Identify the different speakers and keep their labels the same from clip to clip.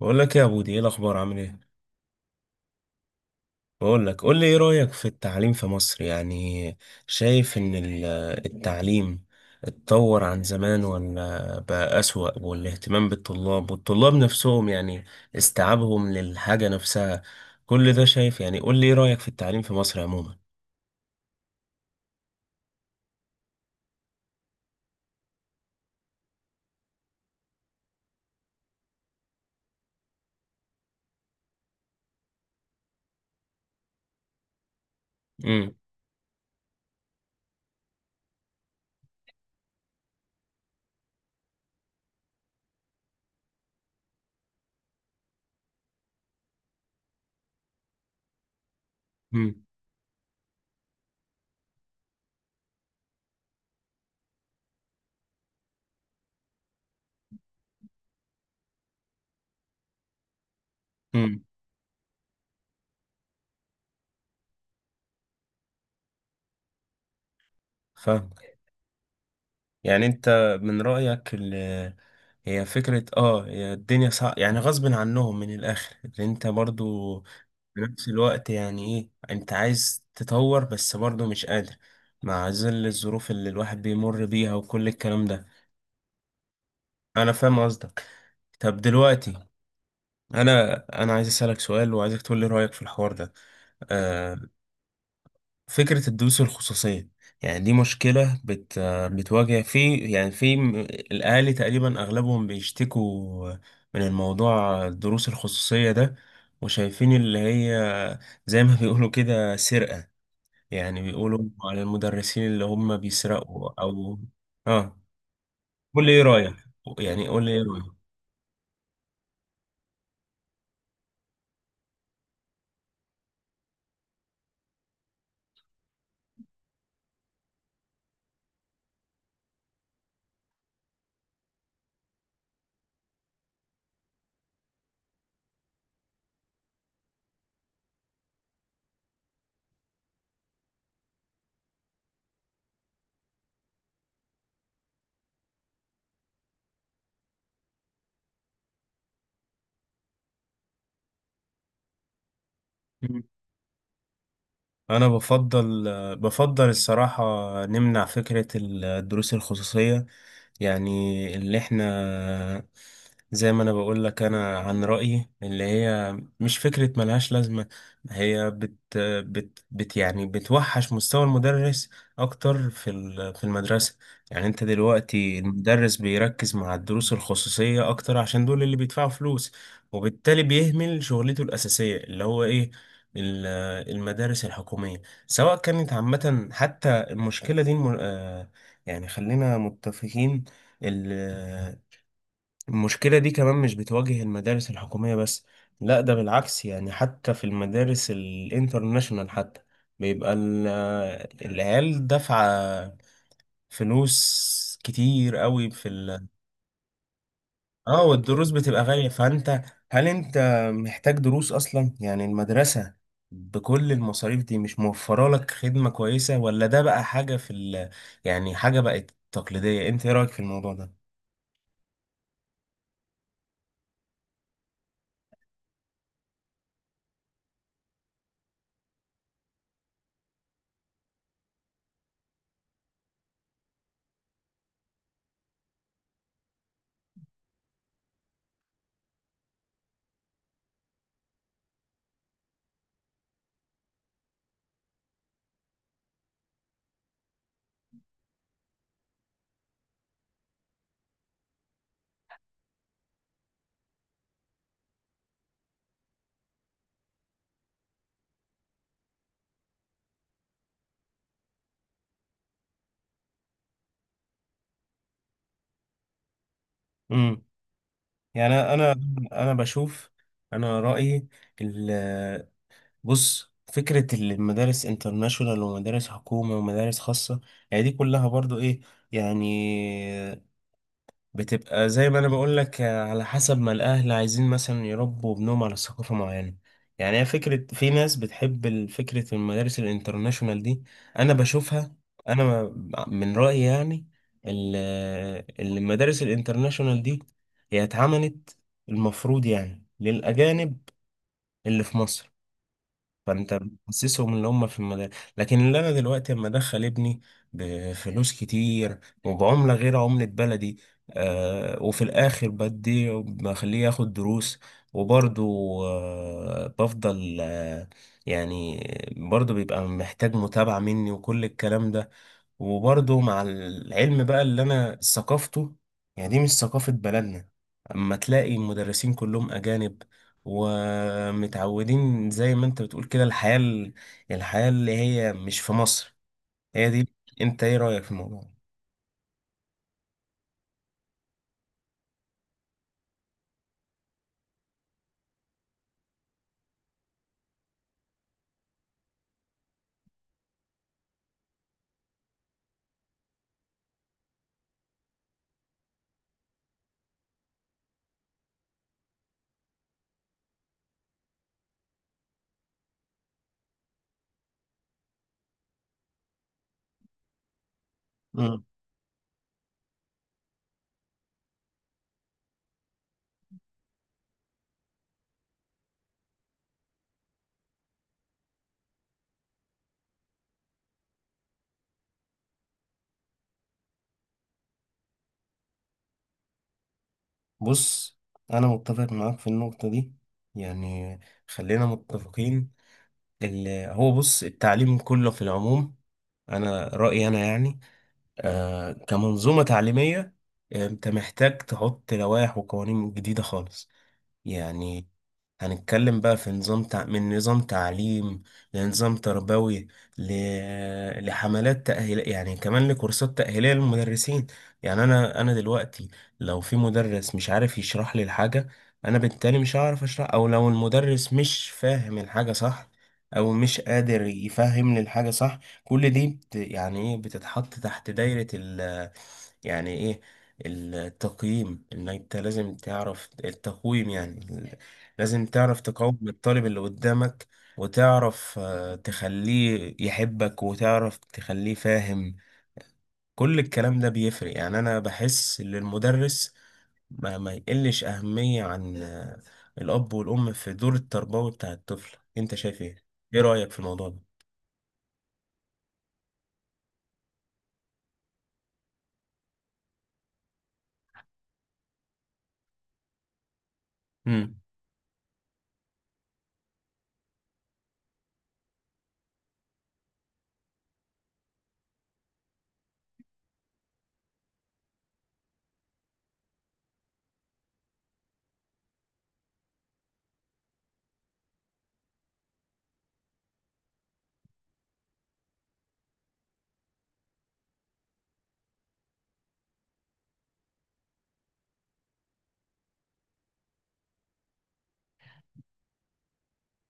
Speaker 1: بقول لك يا بودي، ايه الاخبار؟ عامل ايه؟ بقول لك، قول لي ايه رايك في التعليم في مصر؟ يعني شايف ان التعليم اتطور عن زمان ولا بقى اسوأ؟ والاهتمام بالطلاب، والطلاب نفسهم، يعني استيعابهم للحاجه نفسها، كل ده شايف؟ يعني قول لي ايه رايك في التعليم في مصر عموما. امم. امم. امم. فاهم. يعني انت من رايك هي فكرة، هي الدنيا صعب، يعني غصب عنهم من الآخر اللي انت برضو في نفس الوقت، يعني ايه، انت عايز تطور بس برضه مش قادر مع ظل الظروف اللي الواحد بيمر بيها وكل الكلام ده. انا فاهم قصدك. طب دلوقتي، انا عايز اسالك سؤال، وعايزك تقول لي رايك في الحوار ده. آه فكره الدروس الخصوصيه، يعني دي مشكله بت آه، بتواجه في، يعني الاهالي تقريبا اغلبهم بيشتكوا من الموضوع، الدروس الخصوصيه ده. وشايفين اللي هي زي ما بيقولوا كده سرقه، يعني بيقولوا على المدرسين اللي هم بيسرقوا او اه. قول لي ايه رايك، يعني قول لي ايه رايك. انا بفضل، بفضل الصراحة، نمنع فكرة الدروس الخصوصية. يعني اللي احنا، زي ما انا بقول لك، انا عن رأيي، اللي هي مش فكرة، ملهاش لازمة. هي بت بت بت يعني بتوحش مستوى المدرس اكتر في المدرسة. يعني انت دلوقتي، المدرس بيركز مع الدروس الخصوصية اكتر عشان دول اللي بيدفعوا فلوس، وبالتالي بيهمل شغلته الأساسية، اللي هو ايه، المدارس الحكومية، سواء كانت عامة. حتى المشكلة دي يعني خلينا متفقين، ال- آه، المشكلة دي كمان مش بتواجه المدارس الحكومية بس، لا ده بالعكس، يعني حتى في المدارس الانترناشونال حتى بيبقى العيال دافعة فلوس كتير قوي في، اه والدروس بتبقى غالية. فانت هل انت محتاج دروس اصلا؟ يعني المدرسة بكل المصاريف دي مش موفرة لك خدمة كويسة؟ ولا ده بقى حاجة في، ال... يعني حاجة بقت تقليدية؟ انت ايه رأيك في الموضوع ده؟ امم. يعني انا، انا بشوف، انا رأيي، ال... بص فكرة المدارس انترناشونال ومدارس حكومة ومدارس خاصة، يعني دي كلها برضو ايه، يعني بتبقى زي ما انا بقول لك على حسب ما الاهل عايزين مثلا يربوا ابنهم على ثقافه معينه. يعني هي فكره، في ناس بتحب فكره المدارس الانترناشونال دي. انا بشوفها، انا من رايي، يعني ال- المدارس الانترناشونال دي هي اتعملت المفروض يعني للاجانب اللي في مصر. فانت بتحسسهم ان هم في المدارس، لكن اللي انا دلوقتي اما ادخل ابني بفلوس كتير وبعملة غير عملة بلدي، وفي الاخر بدي بخليه ياخد دروس. وبرضه، آه بفضل آه يعني برضه بيبقى محتاج متابعة مني وكل الكلام ده، وبرضه مع العلم بقى، اللي انا ثقافته، يعني دي مش ثقافة بلدنا. اما تلاقي المدرسين كلهم اجانب ومتعودين زي ما انت بتقول كده الحياة الحياة اللي هي مش في مصر هي دي. انت ايه رأيك في الموضوع؟ مم. بص، انا متفق معاك في النقطة دي. يعني خلينا متفقين، اللي هو بص التعليم كله في العموم، انا رأيي انا، يعني كمنظومة تعليمية، انت محتاج تحط لوائح وقوانين جديدة خالص. يعني هنتكلم بقى في من نظام تعليم، لنظام تربوي، ل... لحملات تأهيل، يعني كمان لكورسات تأهيلية للمدرسين. يعني أنا دلوقتي، لو في مدرس مش عارف يشرح لي الحاجة، أنا بالتالي مش هعرف أشرح، أو لو المدرس مش فاهم الحاجة صح، أو مش قادر يفهمني الحاجة صح، كل دي يعني إيه، بتتحط تحت دايرة، ال... يعني إيه، التقييم. ان انت لازم تعرف التقويم، يعني لازم تعرف تقوم الطالب اللي قدامك، وتعرف تخليه يحبك، وتعرف تخليه فاهم. كل الكلام ده بيفرق. يعني انا بحس ان المدرس ما يقلش اهمية عن الاب والام في دور التربوي بتاع الطفل. انت شايف ايه؟ ايه رأيك في الموضوع ده؟ مم.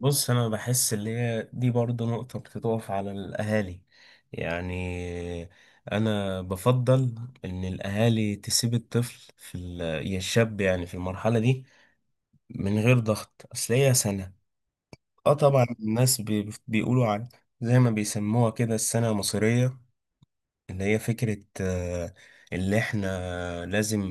Speaker 1: بص، انا بحس اللي هي دي برضو نقطة بتتقف على الاهالي. يعني انا بفضل ان الاهالي تسيب الطفل في يا الشاب، يعني في المرحلة دي من غير ضغط. اصل هي سنة، اه طبعا الناس بيقولوا عن، زي ما بيسموها كده السنة المصرية، اللي هي فكرة، اللي احنا لازم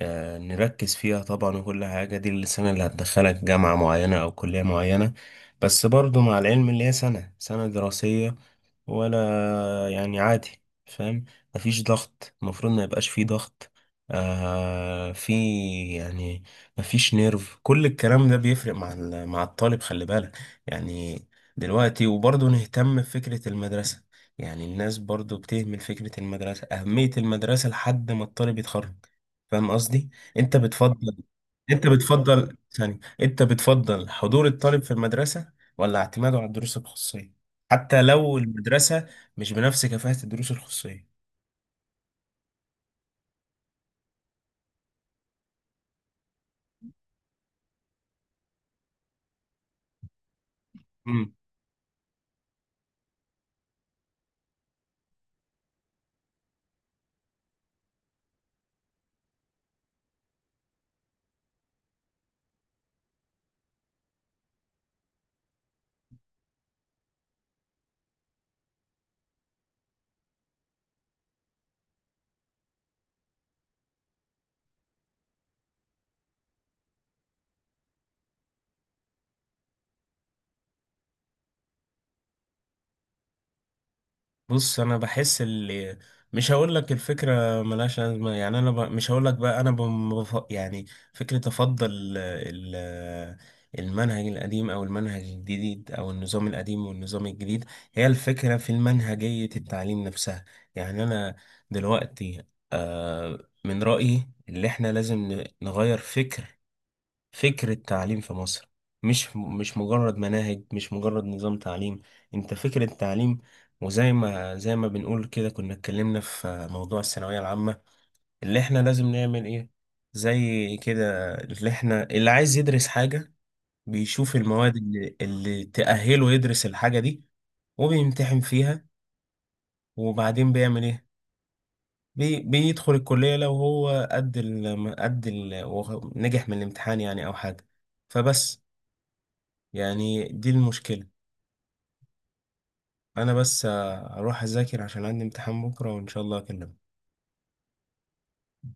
Speaker 1: نركز فيها طبعا. وكل حاجة دي، اللي السنة اللي هتدخلك جامعة معينة أو كلية معينة، بس برضو مع العلم اللي هي سنة دراسية ولا، يعني عادي، فاهم، مفيش ضغط. المفروض ما يبقاش فيه ضغط، آه في يعني مفيش نيرف. كل الكلام ده بيفرق مع مع الطالب، خلي بالك. يعني دلوقتي وبرضه نهتم بفكرة المدرسة، يعني الناس برضه بتهمل فكرة المدرسة، أهمية المدرسة لحد ما الطالب يتخرج. فاهم قصدي؟ انت بتفضل، انت بتفضل ثاني، انت بتفضل حضور الطالب في المدرسة ولا اعتماده على الدروس الخصوصية، حتى لو المدرسة مش بنفس كفاءة الدروس الخصوصية؟ بص انا بحس اللي، مش هقول لك الفكره ملهاش لازمه، يعني مش هقول لك بقى يعني فكره افضل ال... المنهج القديم او المنهج الجديد او النظام القديم والنظام الجديد، هي الفكره في المنهجيه التعليم نفسها. يعني انا دلوقتي، من رايي اللي احنا لازم نغير فكر، فكرة تعليم في مصر، مش مجرد مناهج، مش مجرد نظام تعليم. انت فكرة تعليم. وزي ما بنقول كده، كنا اتكلمنا في موضوع الثانوية العامة اللي احنا لازم نعمل ايه. زي كده، اللي احنا اللي عايز يدرس حاجة بيشوف المواد اللي تأهله يدرس الحاجة دي، وبيمتحن فيها، وبعدين بيعمل ايه، بيدخل الكلية لو هو قد ال وهو نجح من الامتحان، يعني او حاجة. فبس، يعني دي المشكلة. أنا بس، أروح أذاكر عشان عندي امتحان بكرة، وإن شاء الله أكلمك.